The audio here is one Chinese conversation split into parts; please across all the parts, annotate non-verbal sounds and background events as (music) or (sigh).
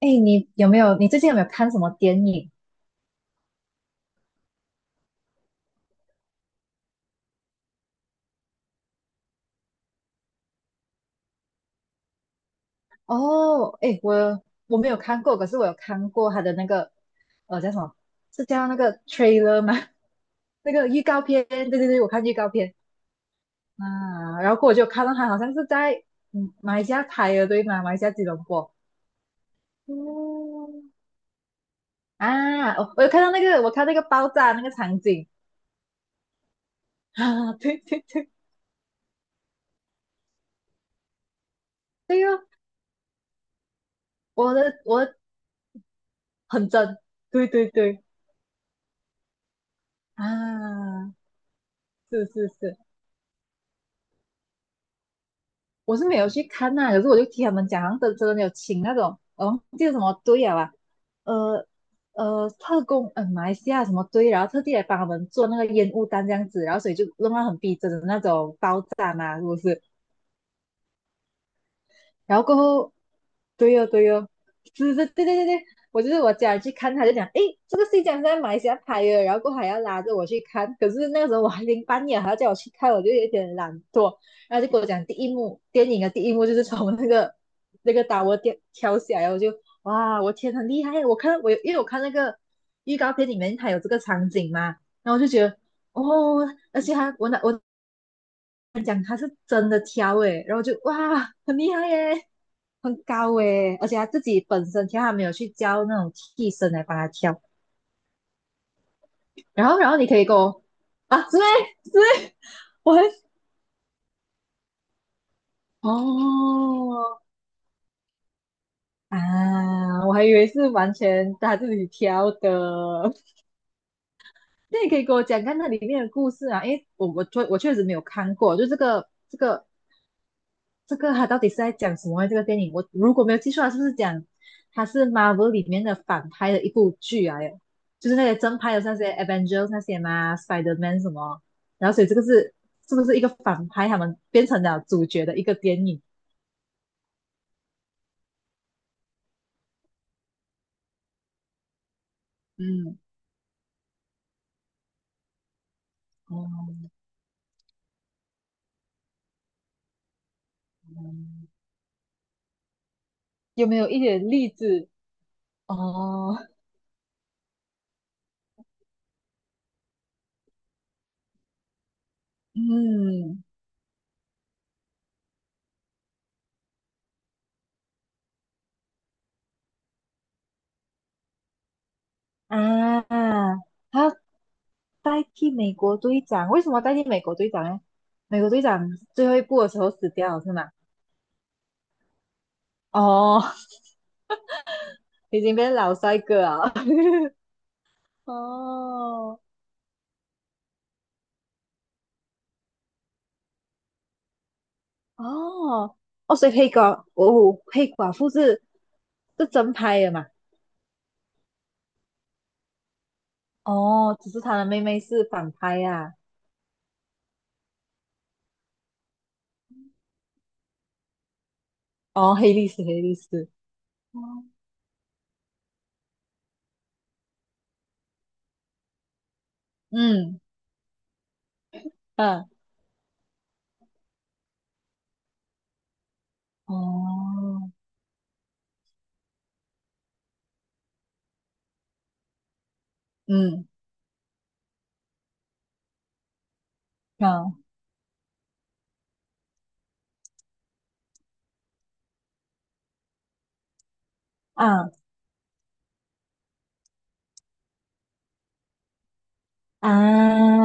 哎，你有没有？你最近有没有看什么电影？哦，哎，我没有看过，可是我有看过他的那个，叫什么？是叫那个 trailer 吗？(laughs) 那个预告片？对对对，我看预告片啊。然后我就看到他好像是在马来西亚拍的，对吗？马来西亚吉隆坡。嗯啊，我有看到那个，我看那个爆炸那个场景。 (laughs) 啊，对对对。对哦，我的我的很真，对对对啊，是是是。我是没有去看呐、可是我就听他们讲，好像真真的有请那种，忘记了什么队啊吧，呃特工，马来西亚什么队，然后特地来帮他们做那个烟雾弹这样子，然后所以就弄到很逼真的那种爆炸嘛，是不是？然后过后，对哦对哦，是是，对对对对，我就是我家人去看，他就讲，诶，这个戏讲是在马来西亚拍的，然后过后还要拉着我去看，可是那个时候我还零半夜，还要叫我去看，我就有点懒惰，然后就跟我讲第一幕，电影的第一幕就是从那个那个打窝掉跳下来，我就哇，我天，很厉害！我因为我看那个预告片里面它有这个场景嘛，然后我就觉得哦，而且还我那我真的挑诶，然后就哇，很厉害耶，很高诶，而且他自己本身挑，他没有去教那种替身来帮他挑。然后，你可以给我啊，是咩？是咩？(laughs) 我还哦啊，我还以为是完全他自己挑的。(laughs) 那你可以给我讲看那里面的故事啊，因为我确实没有看过，就这个它到底是在讲什么啊？这个电影我如果没有记错，它是不是讲它是 Marvel 里面的反派的一部剧啊？耶，就是那些正派的那些 Avengers 那些嘛，Spider-Man 什么，然后所以这个是不是一个反派他们变成了主角的一个电影？嗯，哦、有没有一点例子？哦，嗯，啊，他代替美国队长，为什么代替美国队长呢？美国队长最后一部的时候死掉了是吗？哦，已经变老帅哥啊！(laughs) 哦哦哦，所以黑寡妇是真拍的嘛？哦，只是他的妹妹是反拍啊。哦，黑历史，黑历史。哦，嗯，嗯，哦，嗯，嗯，啊啊！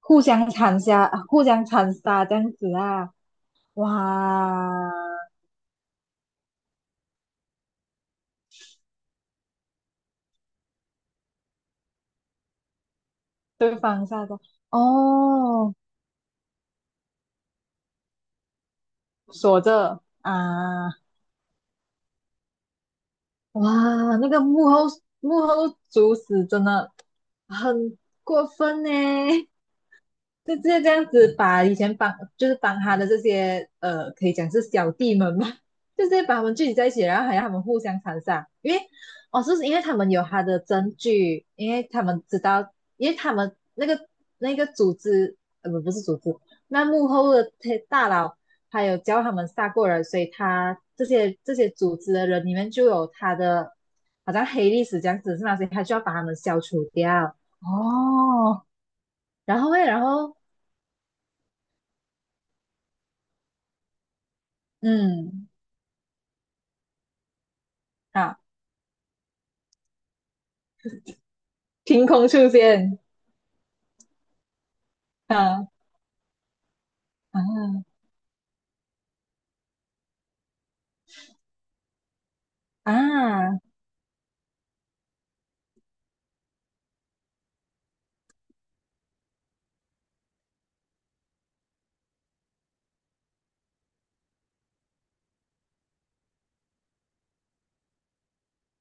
互相残杀，互相残杀这样子啊！哇，对方杀的哦，锁着啊。哇，那个幕后幕后主使真的很过分呢。就直接这样子把以前帮就是帮他的这些可以讲是小弟们嘛，(laughs) 就直接把他们聚集在一起，然后还让他们互相残杀，因为哦，就是因为他们有他的证据，因为他们知道，因为他们那个组织不是组织，那幕后的大佬还有教他们杀过人，所以他这些组织的人里面就有他的好像黑历史这样子是吗？所以他就要把他们消除掉。哦，然后诶，然后。嗯，啊，凭空出现，啊啊啊，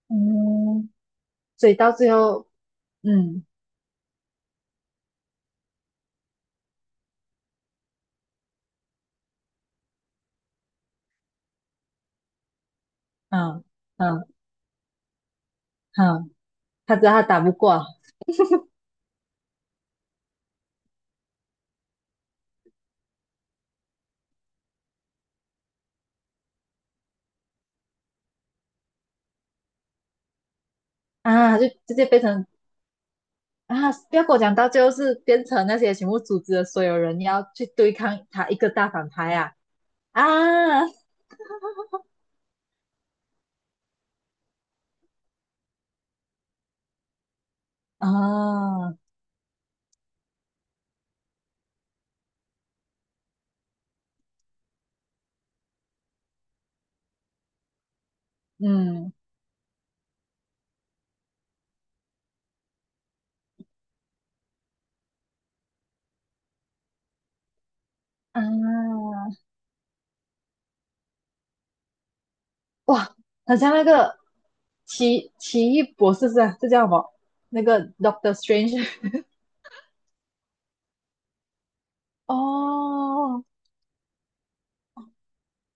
嗯，所以到最后，嗯，啊，啊，啊，他知道他打不过啊，他就直接变成啊，不要跟我讲，到最后是变成那些全部组织的所有人要去对抗他一个大反派啊。啊啊，嗯，啊，哇，很像那个奇异博士是吧？这叫什么？那个 Doctor Strange。 哦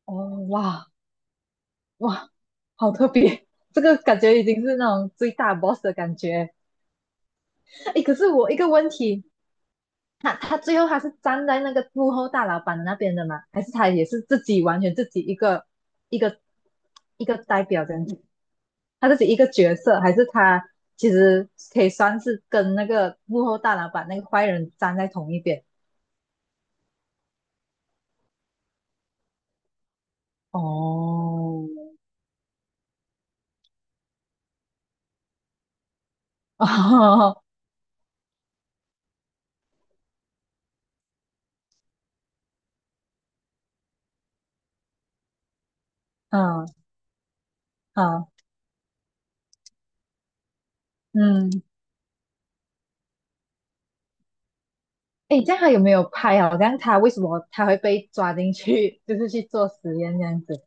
哦，哇，哇，好特别！这个感觉已经是那种最大 boss 的感觉。诶，可是我一个问题，那他最后他是站在那个幕后大老板那边的吗？还是他也是自己完全自己一个一个代表这样子？他自己一个角色，还是他其实可以算是跟那个幕后大老板那个坏人站在同一边？哦，(laughs) 哦，嗯嗯嗯。哎，这样他有没有拍啊？我这样他为什么他会被抓进去，(laughs) 就是去做实验这样子。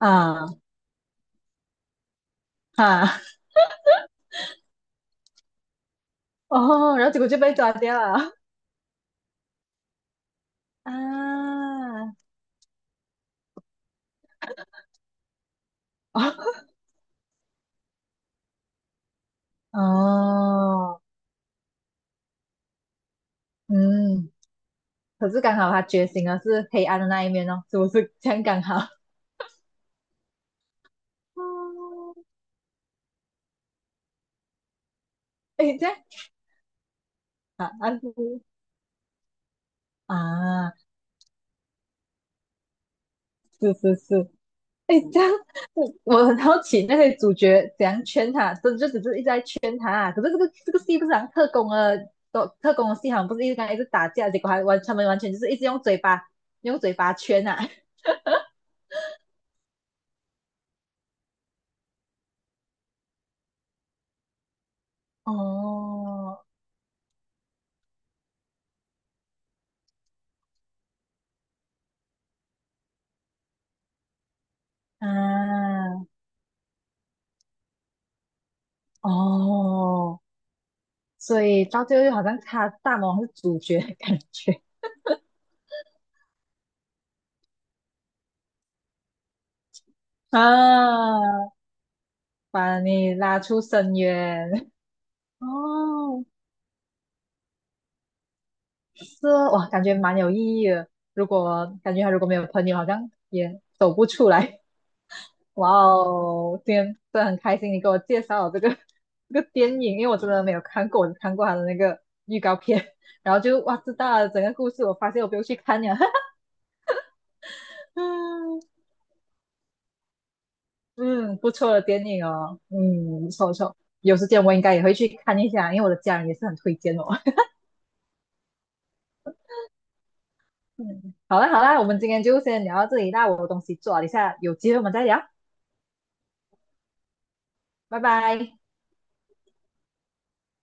啊啊 (laughs) 哦，然后结果就被抓掉了。啊 (laughs) 哦嗯，可是刚好他觉醒了是黑暗的那一面哦，是不是这样刚好？嗯，哎，这样啊啊是。 (laughs) 啊，是是是。(laughs) 哎，这样我很好奇那些主角怎样圈他，真就只是一直在圈他啊、可是这个戏不是好像特工的，都特工的戏好像不是一直跟他一直打架，结果他们完全就是一直用嘴巴圈啊。(laughs) 哦，啊，哦，所以到最后就好像他大魔王是主角的感觉。 (laughs) 啊，把你拉出深渊。(laughs) 哦，是哦哇，感觉蛮有意义的。如果感觉他如果没有朋友，好像也走不出来。哇哦，今天真的很开心，你给我介绍了这个 (laughs) 这个电影，因为我真的没有看过，我只看过他的那个预告片，然后就哇知道了整个故事，我发现我不用去看了。(laughs) 嗯嗯，不错的电影哦，嗯，不错不错，有时间我应该也会去看一下，因为我的家人也是很推荐哦。(laughs) 嗯，好啦好啦，我们今天就先聊到这里那我有东西做了一下，有机会我们再聊，拜拜。